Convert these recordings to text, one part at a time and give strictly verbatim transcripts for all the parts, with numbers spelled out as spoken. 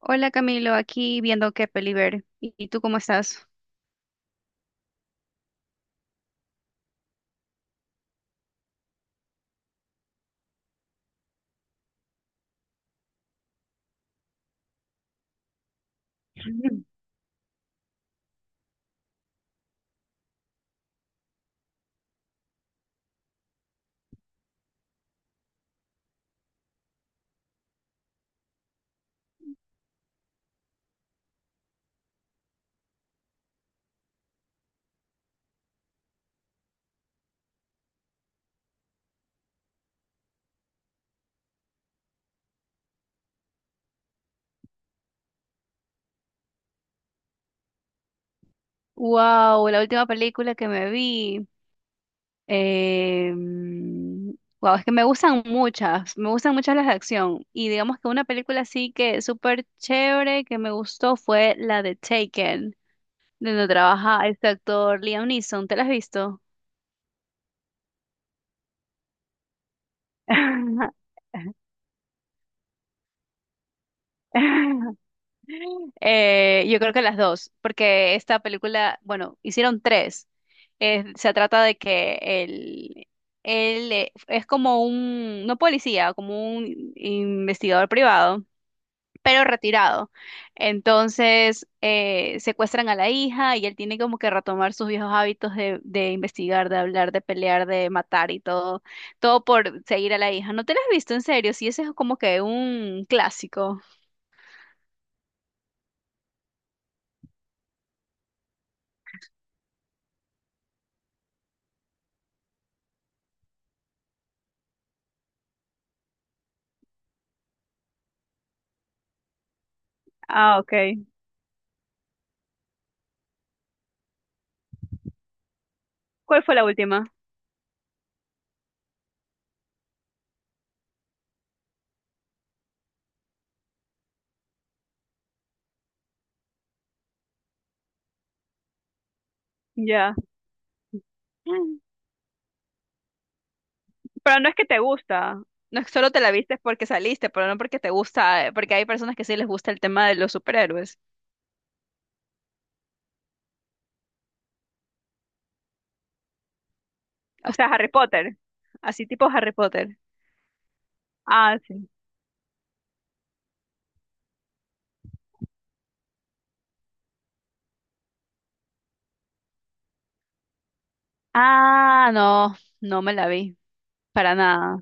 Hola Camilo, aquí viendo qué peli ver. ¿Y y tú cómo estás? Ujú. Wow, la última película que me vi. Wow, es que me gustan muchas, me gustan muchas las de acción. Y digamos que una película así que súper chévere que me gustó fue la de Taken, donde trabaja este actor Liam Neeson. ¿Te la has visto? Eh, yo creo que las dos, porque esta película, bueno, hicieron tres. Eh, se trata de que él, él eh, es como un, no policía, como un investigador privado, pero retirado. Entonces, eh, secuestran a la hija y él tiene como que retomar sus viejos hábitos de, de investigar, de hablar, de pelear, de matar y todo, todo por seguir a la hija. ¿No te la has visto en serio? Sí, ese es como que un clásico. Ah, ok. ¿Cuál fue la última? Ya. Pero no es que te gusta. No es que solo te la viste porque saliste, pero no porque te gusta, eh, porque hay personas que sí les gusta el tema de los superhéroes. O sea, Harry Potter. Así tipo Harry Potter. Ah, sí. Ah, no, no me la vi. Para nada.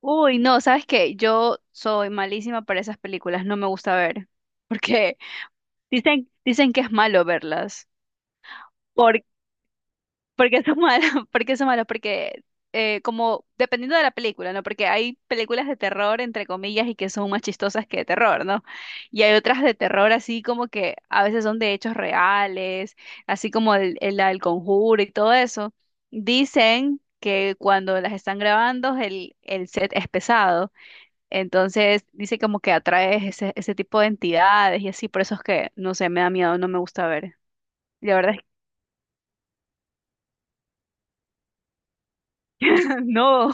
Uy, no, ¿sabes qué? Yo soy malísima para esas películas, no me gusta ver. Porque dicen, dicen que es malo verlas. ¿Por qué son malos? ¿Por qué son malos? Porque eh, como dependiendo de la película, ¿no? Porque hay películas de terror, entre comillas, y que son más chistosas que de terror, ¿no? Y hay otras de terror así como que a veces son de hechos reales, así como el, el, la del Conjuro y todo eso. Dicen que cuando las están grabando el, el set es pesado, entonces dice como que atrae ese, ese tipo de entidades y así, por eso es que, no sé, me da miedo, no me gusta ver. La verdad es que no.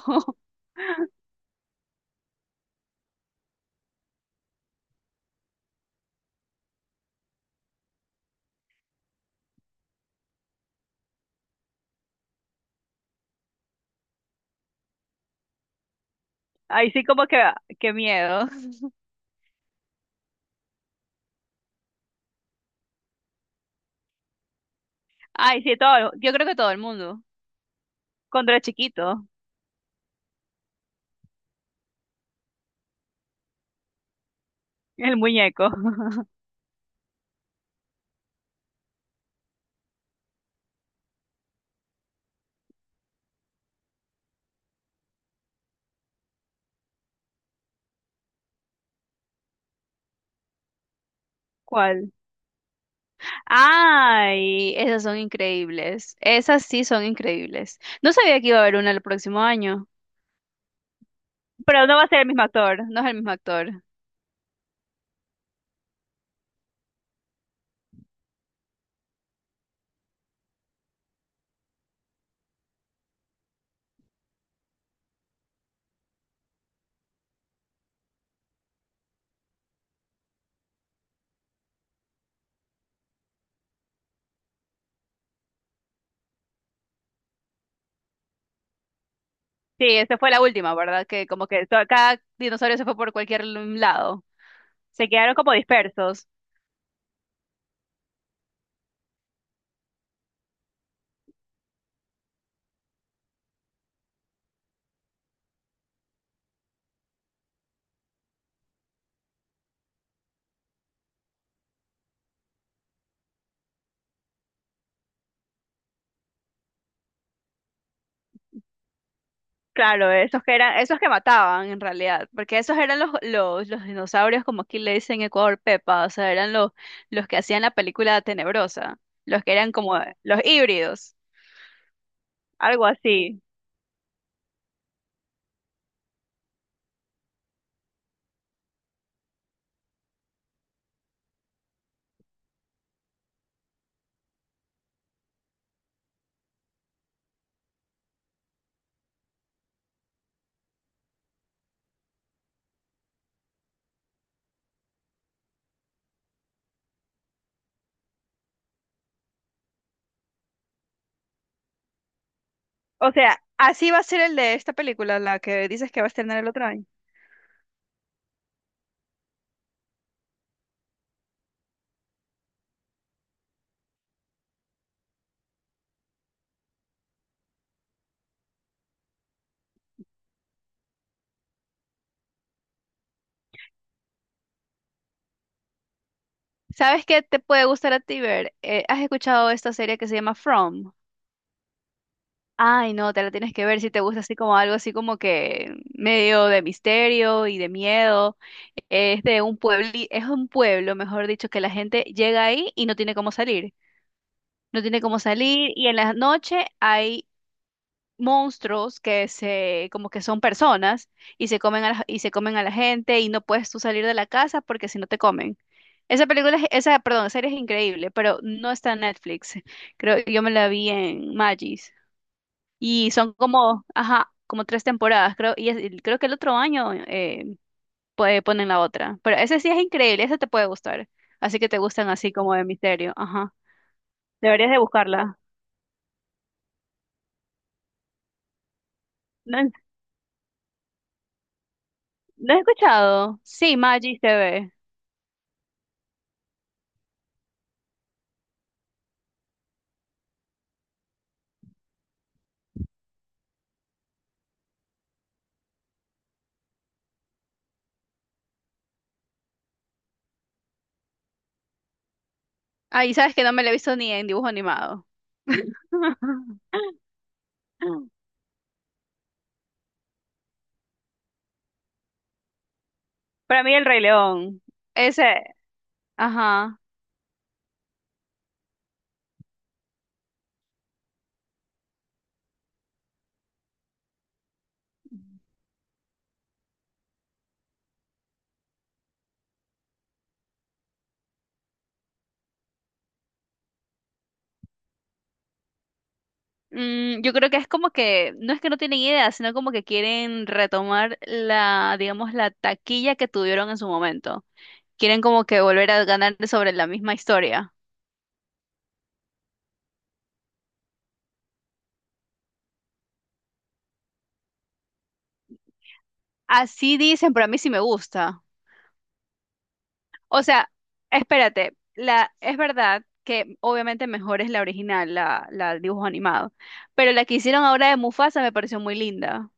Ahí sí como que, qué miedo. Ay, sí, todo, yo creo que todo el mundo. Cuando era chiquito, el muñeco. ¿Cuál? Ay, esas son increíbles. Esas sí son increíbles. No sabía que iba a haber una el próximo año. Pero no va a ser el mismo actor, no es el mismo actor. Sí, esa fue la última, ¿verdad? Que como que to- cada dinosaurio se fue por cualquier lado. Se quedaron como dispersos. Claro, esos que eran, esos que mataban en realidad, porque esos eran los, los, los dinosaurios, como aquí le dicen en Ecuador Pepa, o sea, eran los, los que hacían la película Tenebrosa, los que eran como los híbridos, algo así. O sea, así va a ser el de esta película, la que dices que va a estrenar el otro año. ¿Sabes qué te puede gustar a ti ver? Eh, ¿has escuchado esta serie que se llama From? Ay, no, te la tienes que ver si te gusta así como algo así como que medio de misterio y de miedo. Es de un pueblo, es un pueblo, mejor dicho, que la gente llega ahí y no tiene cómo salir. No tiene cómo salir y en la noche hay monstruos que se como que son personas y se comen a la, y se comen a la gente y no puedes tú salir de la casa porque si no te comen. Esa película, es- esa, perdón, serie es increíble, pero no está en Netflix. Creo, yo me la vi en Magis. Y son como, ajá, como tres temporadas, creo. Y es- y creo que el otro año eh, puede, ponen la otra. Pero ese sí es increíble, ese te puede gustar. Así que te gustan así como de misterio, ajá. Deberías de buscarla. ¿No, he no he escuchado? Sí, Maggie T V. Ay, sabes que no me la he visto ni en dibujo animado. Para mí el Rey León. Ese, ajá. Mm, yo creo que es como que, no es que no tienen idea, sino como que quieren retomar la, digamos, la taquilla que tuvieron en su momento. Quieren como que volver a ganar sobre la misma historia. Así dicen, pero a mí sí me gusta. O sea, espérate, la, es verdad que obviamente mejor es la original, la, la dibujo animado, pero la que hicieron ahora de Mufasa me pareció muy linda.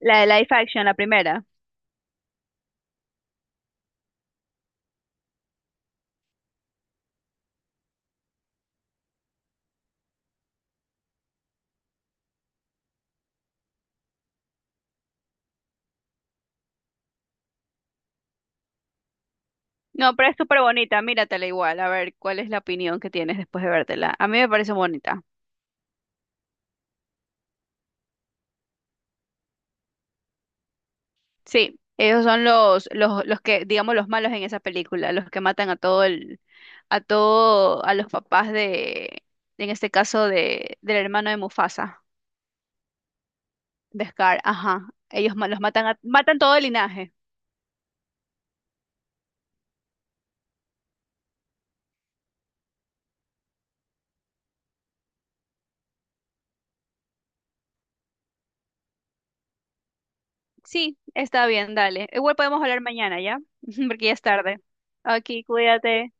La de Life action, la primera. No, pero es súper bonita, míratela igual, a ver cuál es la opinión que tienes después de vértela. A mí me pareció bonita. Sí, esos son los, los, los que, digamos, los malos en esa película, los que matan a todo el, a todo, a los papás de, en este caso, de, del hermano de Mufasa, de Scar, ajá. Ellos ma- los matan a- matan todo el linaje. Sí, está bien, dale. Igual podemos hablar mañana, ¿ya? Porque ya es tarde. Aquí, cuídate.